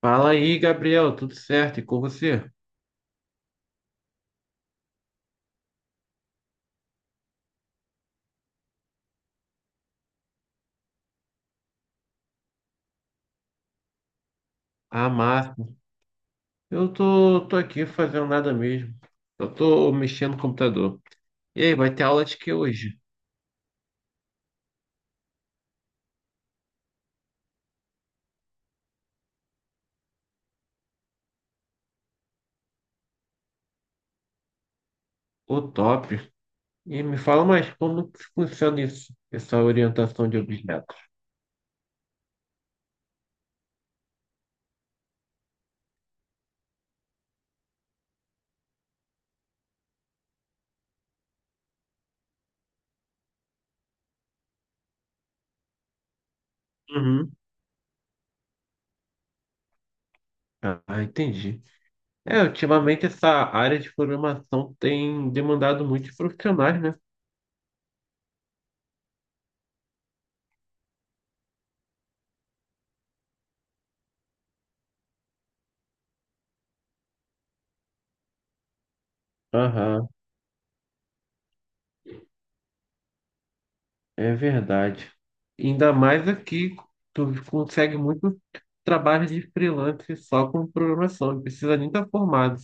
Fala aí, Gabriel, tudo certo? E com você? Ah, máximo. Eu tô aqui fazendo nada mesmo. Eu tô mexendo no computador. E aí, vai ter aula de que hoje? O top. E me fala mais, como que funciona isso? Essa orientação de objetos. Uhum. Ah, entendi. É, ultimamente essa área de programação tem demandado muitos profissionais, né? Aham. É verdade. Ainda mais aqui, tu consegue muito trabalho de freelance só com programação, não precisa nem estar formado.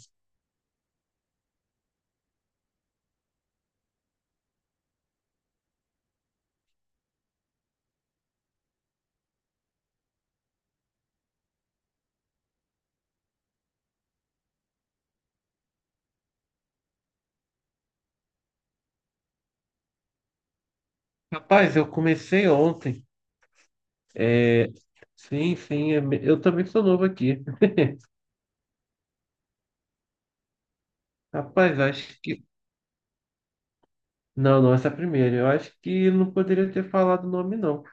Rapaz, eu comecei ontem. É... Sim, sim, eu também sou novo aqui. Rapaz, acho que. Não, não, essa é a primeira. Eu acho que não poderia ter falado o nome, não.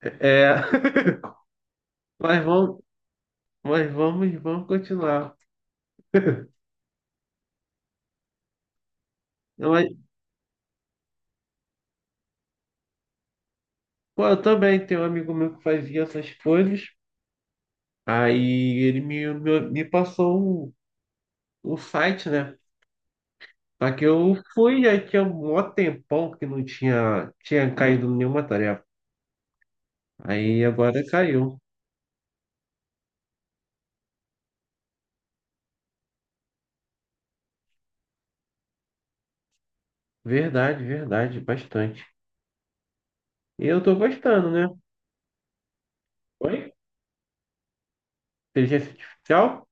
É... Mas vamos, mas vamos continuar. Não, mas, pô, eu também tenho um amigo meu que fazia essas coisas. Aí ele me passou o site, né? Só que eu fui, aí tinha um mó tempão que não tinha caído nenhuma tarefa. Aí agora caiu. Verdade, verdade, bastante. E eu tô gostando, né? Oi? Inteligência artificial?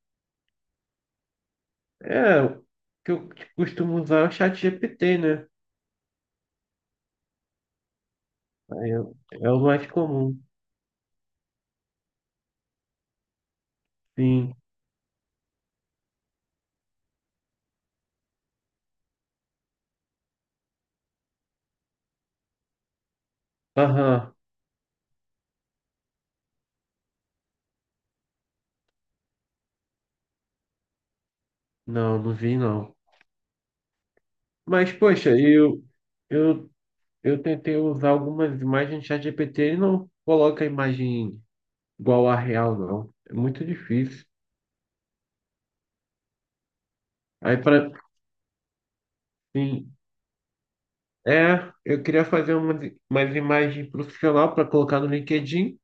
É, o que eu costumo usar é o chat GPT, né? É o mais comum. Sim. Aham. Não, não vi não. Mas, poxa, eu, eu tentei usar algumas imagens do chat GPT e não coloca a imagem igual a real, não. É muito difícil. Aí para sim, eu queria fazer umas imagens profissional para colocar no LinkedIn,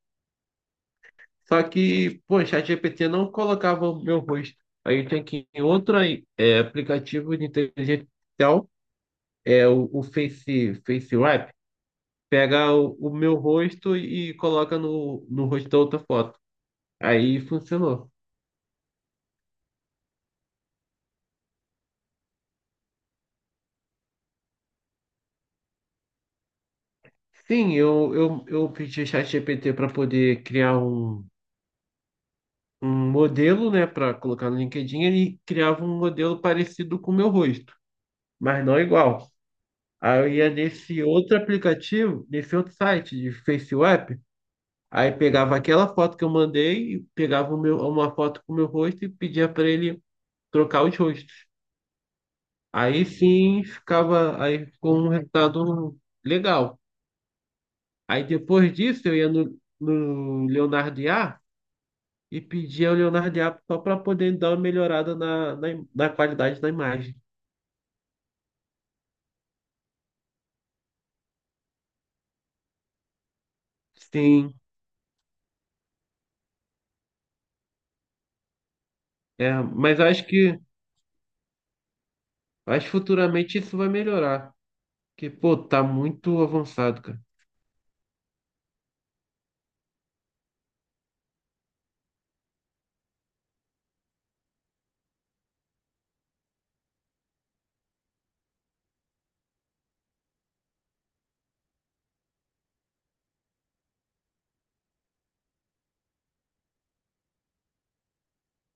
só que, pô, o ChatGPT não colocava o meu rosto. Aí eu tinha que ir em outro aí, é, aplicativo de inteligência artificial, é o Face Wrap, pega o meu rosto e coloca no, no rosto da outra foto. Aí funcionou. Sim, eu pedi o ChatGPT para poder criar um modelo, né, para colocar no LinkedIn. Ele criava um modelo parecido com o meu rosto, mas não igual. Aí eu ia nesse outro aplicativo, nesse outro site de FaceApp, aí pegava aquela foto que eu mandei, e pegava o meu- uma foto com o meu rosto e pedia para ele trocar os rostos. Aí sim ficava aí com um resultado legal. Aí depois disso eu ia no, no Leonardo IA e pedia ao Leonardo IA só para poder dar uma melhorada na, na qualidade da imagem. Sim, é, mas eu acho que futuramente isso vai melhorar, porque pô, tá muito avançado, cara.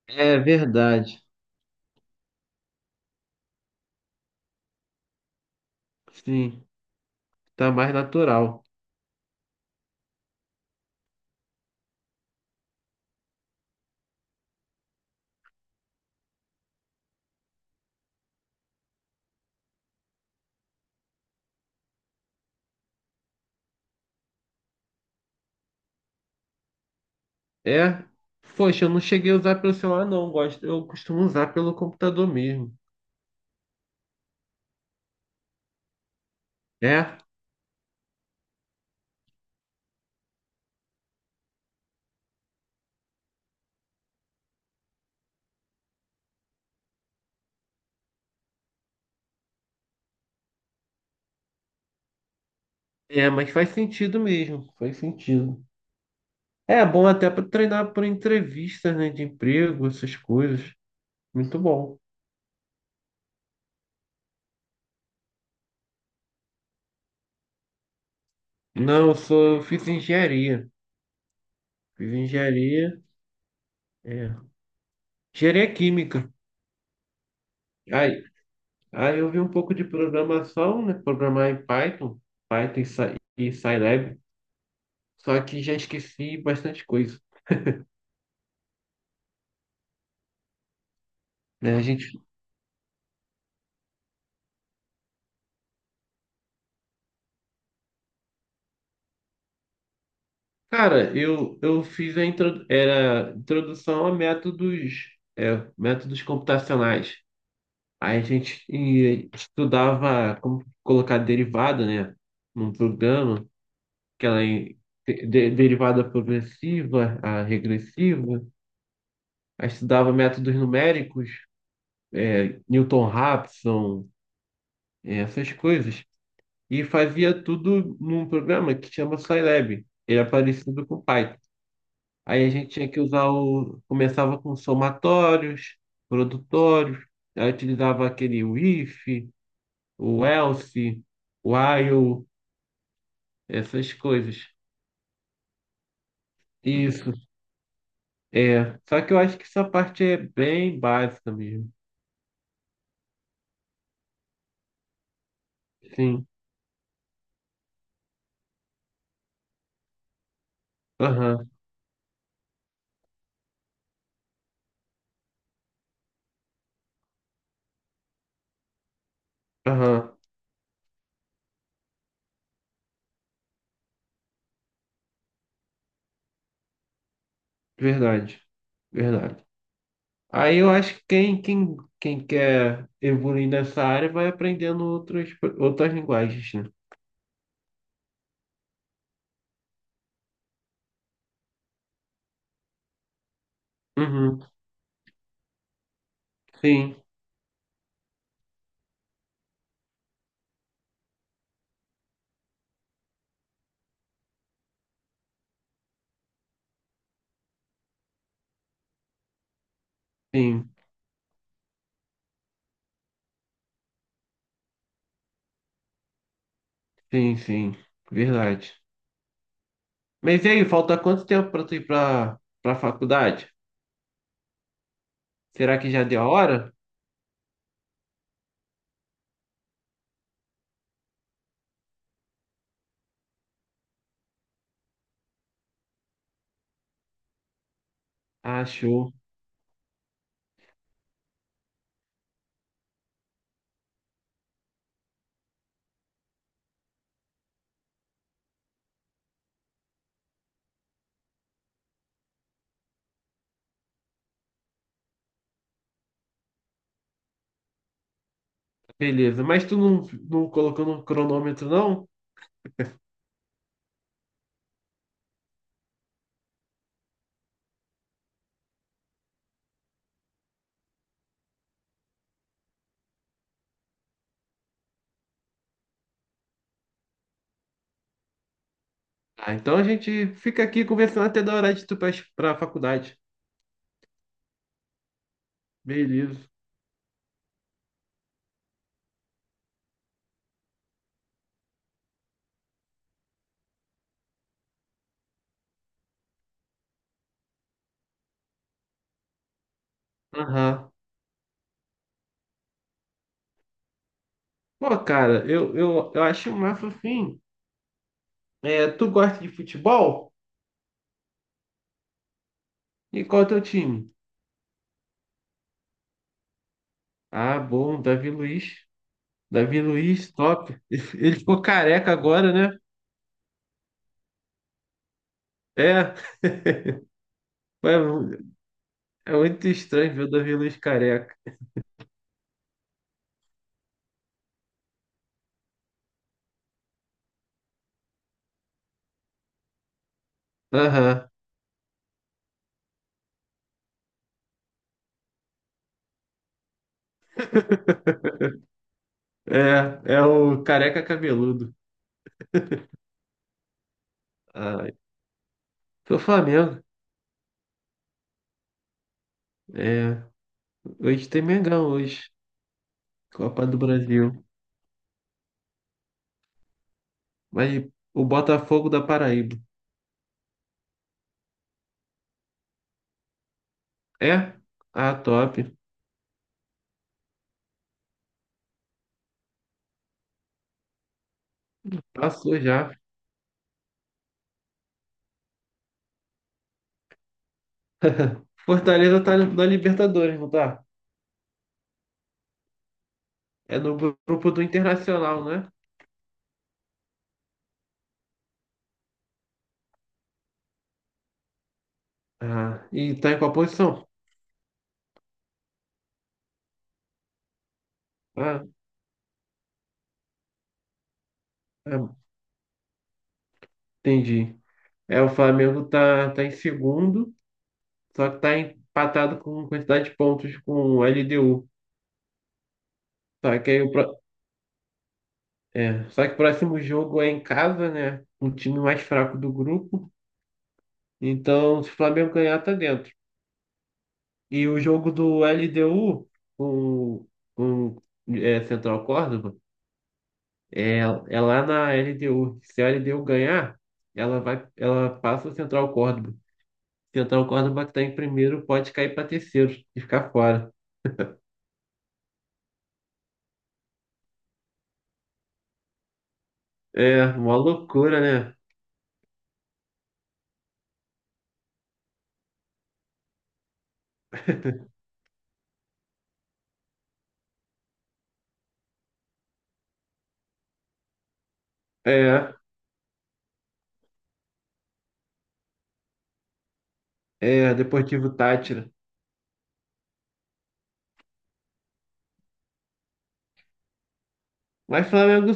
É verdade. Sim, tá mais natural. É, poxa, eu não cheguei a usar pelo celular não, gosto, eu costumo usar pelo computador mesmo. É, é, mas faz sentido mesmo, faz sentido. É bom até para treinar por entrevistas, né, de emprego, essas coisas. Muito bom. Não, eu sou, eu fiz engenharia, é, engenharia química. Aí Aí eu vi um pouco de programação, né? Programar em Python, e Scilab, só que já esqueci bastante coisa, né? A gente, cara, eu fiz a intro, era introdução a métodos, métodos computacionais. Aí a gente estudava como colocar derivada, né? Num programa, que ela é derivada progressiva, a regressiva. Aí estudava métodos numéricos, Newton-Raphson, essas coisas. E fazia tudo num programa que chama Scilab. Ele é parecido com Python. Aí a gente tinha que usar o. Começava com somatórios, produtórios, aí utilizava aquele o if, o else, o while, essas coisas. Isso, é. Só que eu acho que essa parte é bem básica mesmo. Sim. Aham, aham. Verdade, verdade. Aí eu acho que quem quer evoluir nessa área vai aprendendo outros outras linguagens, né? Uhum. Sim, sim, sim, sim. Verdade. Mas e aí, falta quanto tempo para tu ir para faculdade? Será que já deu a hora? Ah, show. Beleza. Mas tu não colocou no cronômetro, não? Ah, então a gente fica aqui conversando até da hora de tu para a faculdade. Beleza. Aham. Pô, cara, eu acho massa assim. É, tu gosta de futebol? E qual é o teu time? Ah, bom, Davi Luiz. Davi Luiz, top. Ele ficou careca agora, né? É. É é muito estranho ver o Davi Luiz careca. Aham. É, é o careca cabeludo. Ai. Pro Flamengo. É. Hoje tem Mengão hoje. Copa do Brasil. Mas o Botafogo da Paraíba. É? Ah, top. Passou já. Fortaleza tá na Libertadores, não tá? É no grupo do Internacional, né? Ah, e tá em qual posição? Ah, é, entendi. É, o Flamengo tá em segundo, só que tá empatado com quantidade de pontos com o LDU. Só que aí o próximo jogo é em casa, né? Um time mais fraco do grupo. Então, se o Flamengo ganhar, tá dentro. E o jogo do LDU com, com Central Córdoba. É, é, lá na LDU. Se a LDU ganhar, ela vai, ela passa o Central Córdoba. Central Córdoba que está em primeiro pode cair para terceiro e ficar fora. É, uma loucura, né? É, é, Deportivo Táchira. Mas Flamengo,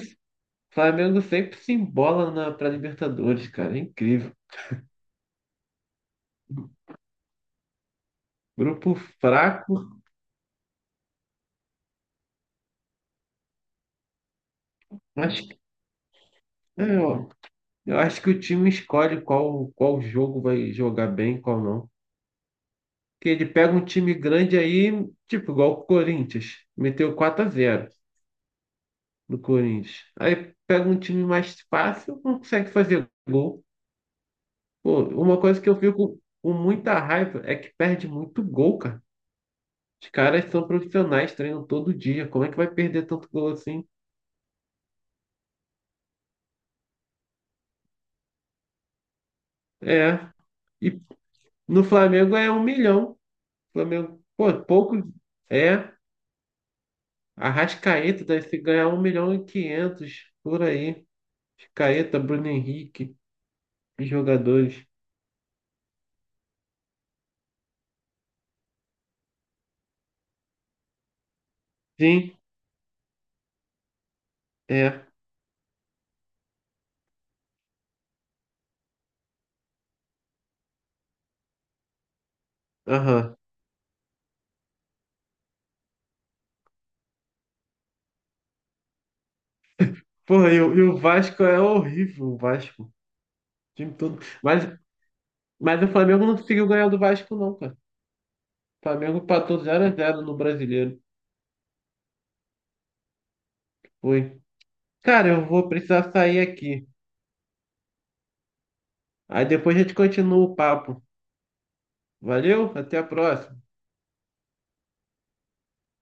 Flamengo sempre se embola na, pra Libertadores, cara. É incrível. Grupo fraco, mas é, ó, eu acho que o time escolhe qual jogo vai jogar bem, qual não. Que ele pega um time grande aí, tipo, igual o Corinthians, meteu 4-0 no Corinthians. Aí pega um time mais fácil, não consegue fazer gol. Pô, uma coisa que eu fico com muita raiva é que perde muito gol, cara. Os caras são profissionais, treinam todo dia. Como é que vai perder tanto gol assim? É. E no Flamengo é 1 milhão. Flamengo, pô, pouco é. Arrascaeta deve se ganhar 1,5 milhão por aí. Arrascaeta, Bruno Henrique. E jogadores. Sim, é. Aham. Porra, e o Vasco é horrível, o Vasco. O time todo. Mas o Flamengo não conseguiu ganhar do Vasco, não, cara. O Flamengo empatou 0x0 no Brasileiro. Foi. Cara, eu vou precisar sair aqui. Aí depois a gente continua o papo. Valeu, até a próxima.